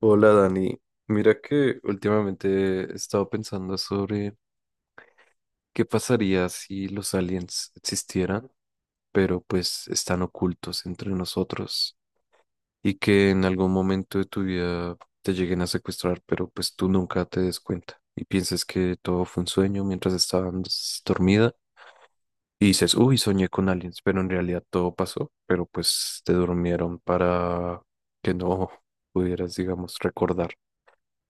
Hola Dani, mira que últimamente he estado pensando sobre qué pasaría si los aliens existieran, pero pues están ocultos entre nosotros y que en algún momento de tu vida te lleguen a secuestrar, pero pues tú nunca te des cuenta y pienses que todo fue un sueño mientras estabas dormida y dices, uy, soñé con aliens, pero en realidad todo pasó, pero pues te durmieron para que no pudieras, digamos, recordar.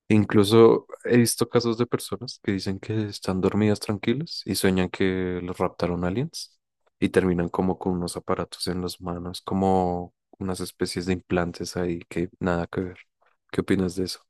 Incluso he visto casos de personas que dicen que están dormidas tranquilas y sueñan que los raptaron aliens y terminan como con unos aparatos en las manos, como unas especies de implantes ahí que nada que ver. ¿Qué opinas de eso?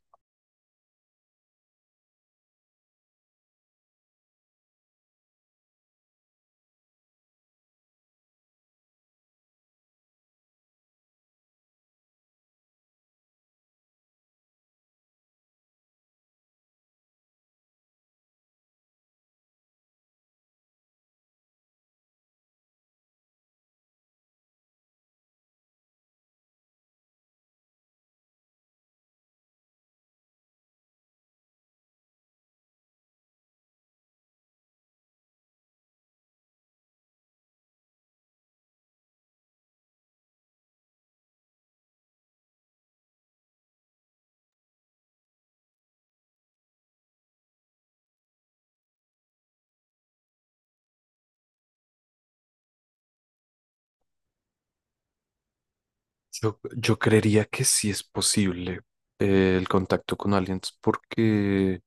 Yo creería que sí es posible el contacto con aliens porque,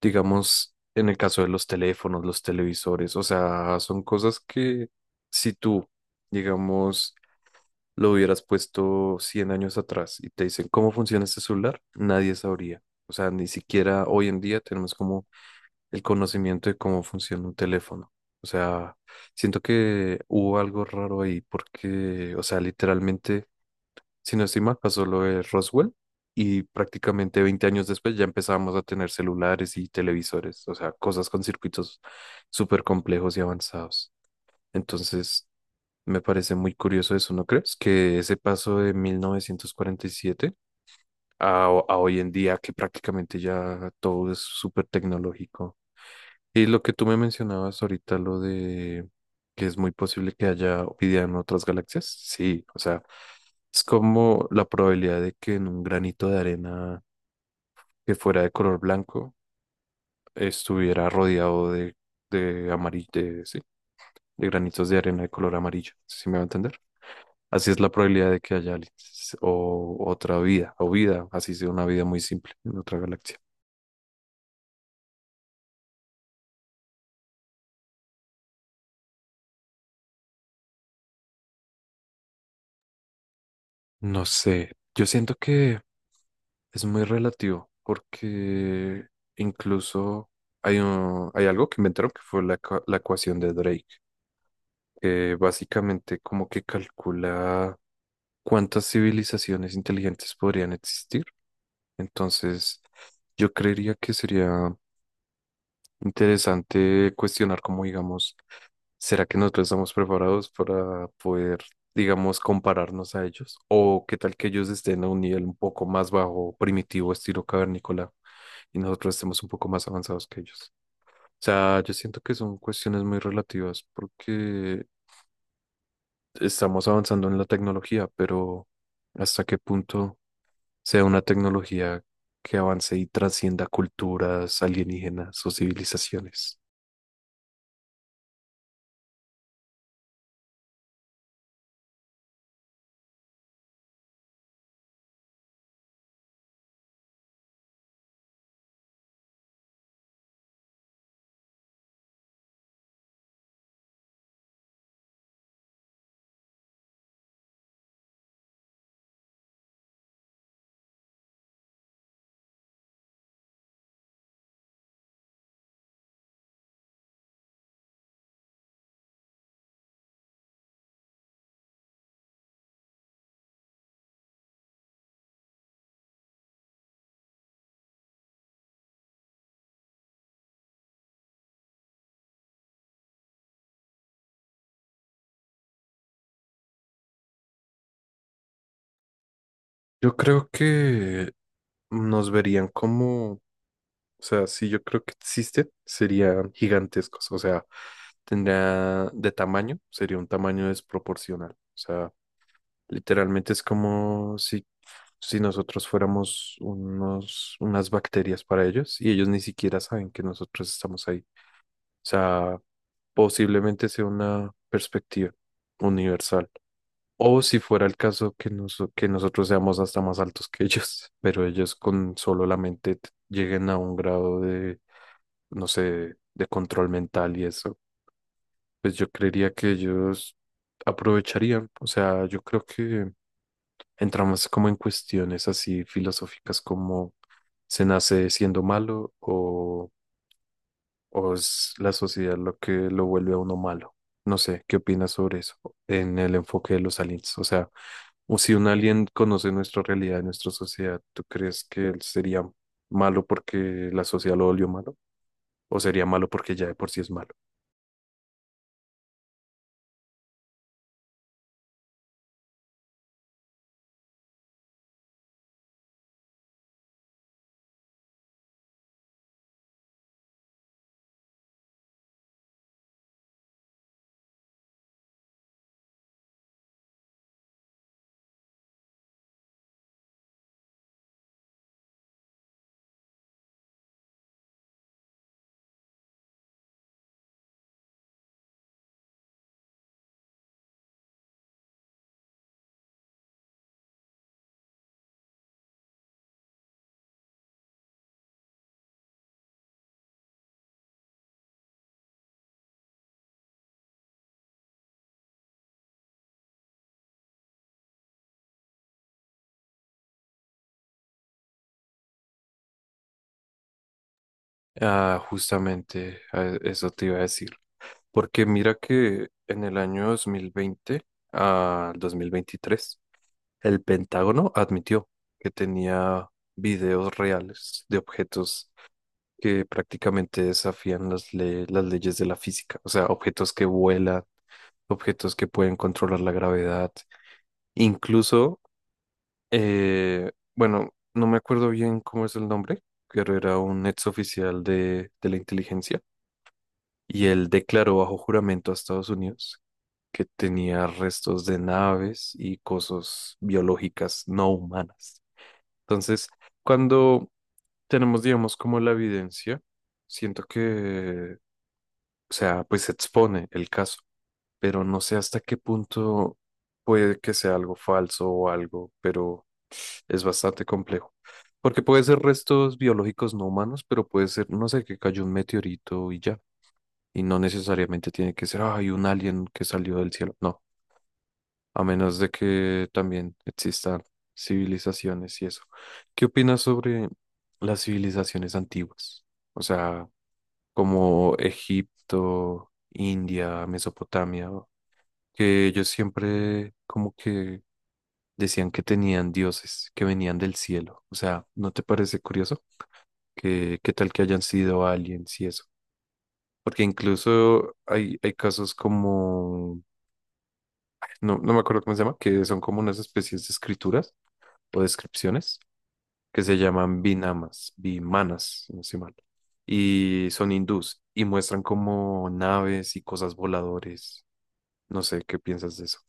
digamos, en el caso de los teléfonos, los televisores, o sea, son cosas que si tú, digamos, lo hubieras puesto 100 años atrás y te dicen cómo funciona este celular, nadie sabría. O sea, ni siquiera hoy en día tenemos como el conocimiento de cómo funciona un teléfono. O sea, siento que hubo algo raro ahí porque, o sea, literalmente, si no estoy mal, pasó lo de Roswell y prácticamente 20 años después ya empezábamos a tener celulares y televisores, o sea, cosas con circuitos súper complejos y avanzados. Entonces, me parece muy curioso eso, ¿no crees? Que ese paso de 1947 a, a hoy en día, que prácticamente ya todo es súper tecnológico. Y lo que tú me mencionabas ahorita, lo de que es muy posible que haya vida en otras galaxias, sí, o sea, es como la probabilidad de que en un granito de arena que fuera de color blanco estuviera rodeado de amarillo, de, sí, de granitos de arena de color amarillo, ¿sí me va a entender? Así es la probabilidad de que haya aliens o otra vida, o vida, así sea una vida muy simple en otra galaxia. No sé, yo siento que es muy relativo porque incluso hay algo que inventaron que fue la, la ecuación de Drake, que básicamente como que calcula cuántas civilizaciones inteligentes podrían existir. Entonces, yo creería que sería interesante cuestionar cómo, digamos, ¿será que nosotros estamos preparados para poder, digamos, compararnos a ellos? ¿O qué tal que ellos estén a un nivel un poco más bajo, primitivo, estilo cavernícola, y nosotros estemos un poco más avanzados que ellos? O sea, yo siento que son cuestiones muy relativas porque estamos avanzando en la tecnología, pero ¿hasta qué punto sea una tecnología que avance y trascienda culturas alienígenas o civilizaciones? Yo creo que nos verían como, o sea, si yo creo que existe, serían gigantescos, o sea, tendría de tamaño, sería un tamaño desproporcional, o sea, literalmente es como si, si nosotros fuéramos unos, unas bacterias para ellos y ellos ni siquiera saben que nosotros estamos ahí, o sea, posiblemente sea una perspectiva universal. O si fuera el caso que, que nosotros seamos hasta más altos que ellos, pero ellos con solo la mente lleguen a un grado de, no sé, de control mental y eso, pues yo creería que ellos aprovecharían. O sea, yo creo que entramos como en cuestiones así filosóficas como ¿se nace siendo malo o es la sociedad lo que lo vuelve a uno malo? No sé, ¿qué opinas sobre eso en el enfoque de los aliens? O sea, o si un alien conoce nuestra realidad, nuestra sociedad, ¿tú crees que él sería malo porque la sociedad lo volvió malo? ¿O sería malo porque ya de por sí es malo? Ah, justamente eso te iba a decir. Porque mira que en el año 2020 al 2023 el Pentágono admitió que tenía videos reales de objetos que prácticamente desafían las, las leyes de la física, o sea, objetos que vuelan, objetos que pueden controlar la gravedad, incluso, bueno, no me acuerdo bien cómo es el nombre, pero era un ex oficial de la inteligencia y él declaró bajo juramento a Estados Unidos que tenía restos de naves y cosas biológicas no humanas. Entonces, cuando tenemos, digamos, como la evidencia, siento que, o sea, pues se expone el caso, pero no sé hasta qué punto puede que sea algo falso o algo, pero es bastante complejo. Porque puede ser restos biológicos no humanos, pero puede ser, no sé, que cayó un meteorito y ya. Y no necesariamente tiene que ser, hay un alien que salió del cielo. No, a menos de que también existan civilizaciones y eso. ¿Qué opinas sobre las civilizaciones antiguas? O sea, como Egipto, India, Mesopotamia, que ellos siempre como que decían que tenían dioses que venían del cielo. O sea, ¿no te parece curioso que qué tal que hayan sido aliens y eso? Porque incluso hay casos como, no me acuerdo cómo se llama, que son como unas especies de escrituras o descripciones que se llaman binamas, bimanas, si no estoy mal, y son hindús y muestran como naves y cosas voladores. No sé qué piensas de eso.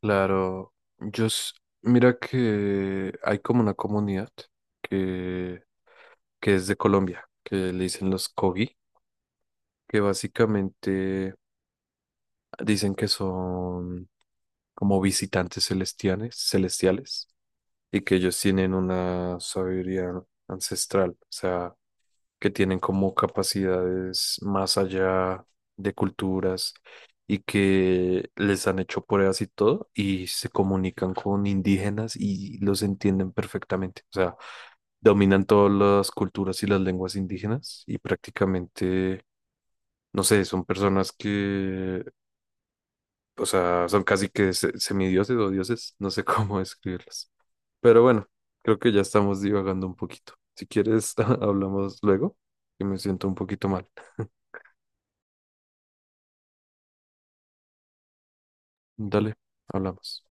Claro, yo s- mira que hay como una comunidad que, que es de Colombia, que le dicen los Kogi, que básicamente dicen que son como visitantes celestiales, celestiales, y que ellos tienen una sabiduría ancestral. O sea, que tienen como capacidades más allá de culturas y que les han hecho pruebas y todo y se comunican con indígenas y los entienden perfectamente. O sea, dominan todas las culturas y las lenguas indígenas y prácticamente, no sé, son personas que, o sea, son casi que semidioses o dioses, no sé cómo describirlos. Pero bueno, creo que ya estamos divagando un poquito. Si quieres, hablamos luego, que me siento un poquito mal. Dale, hablamos.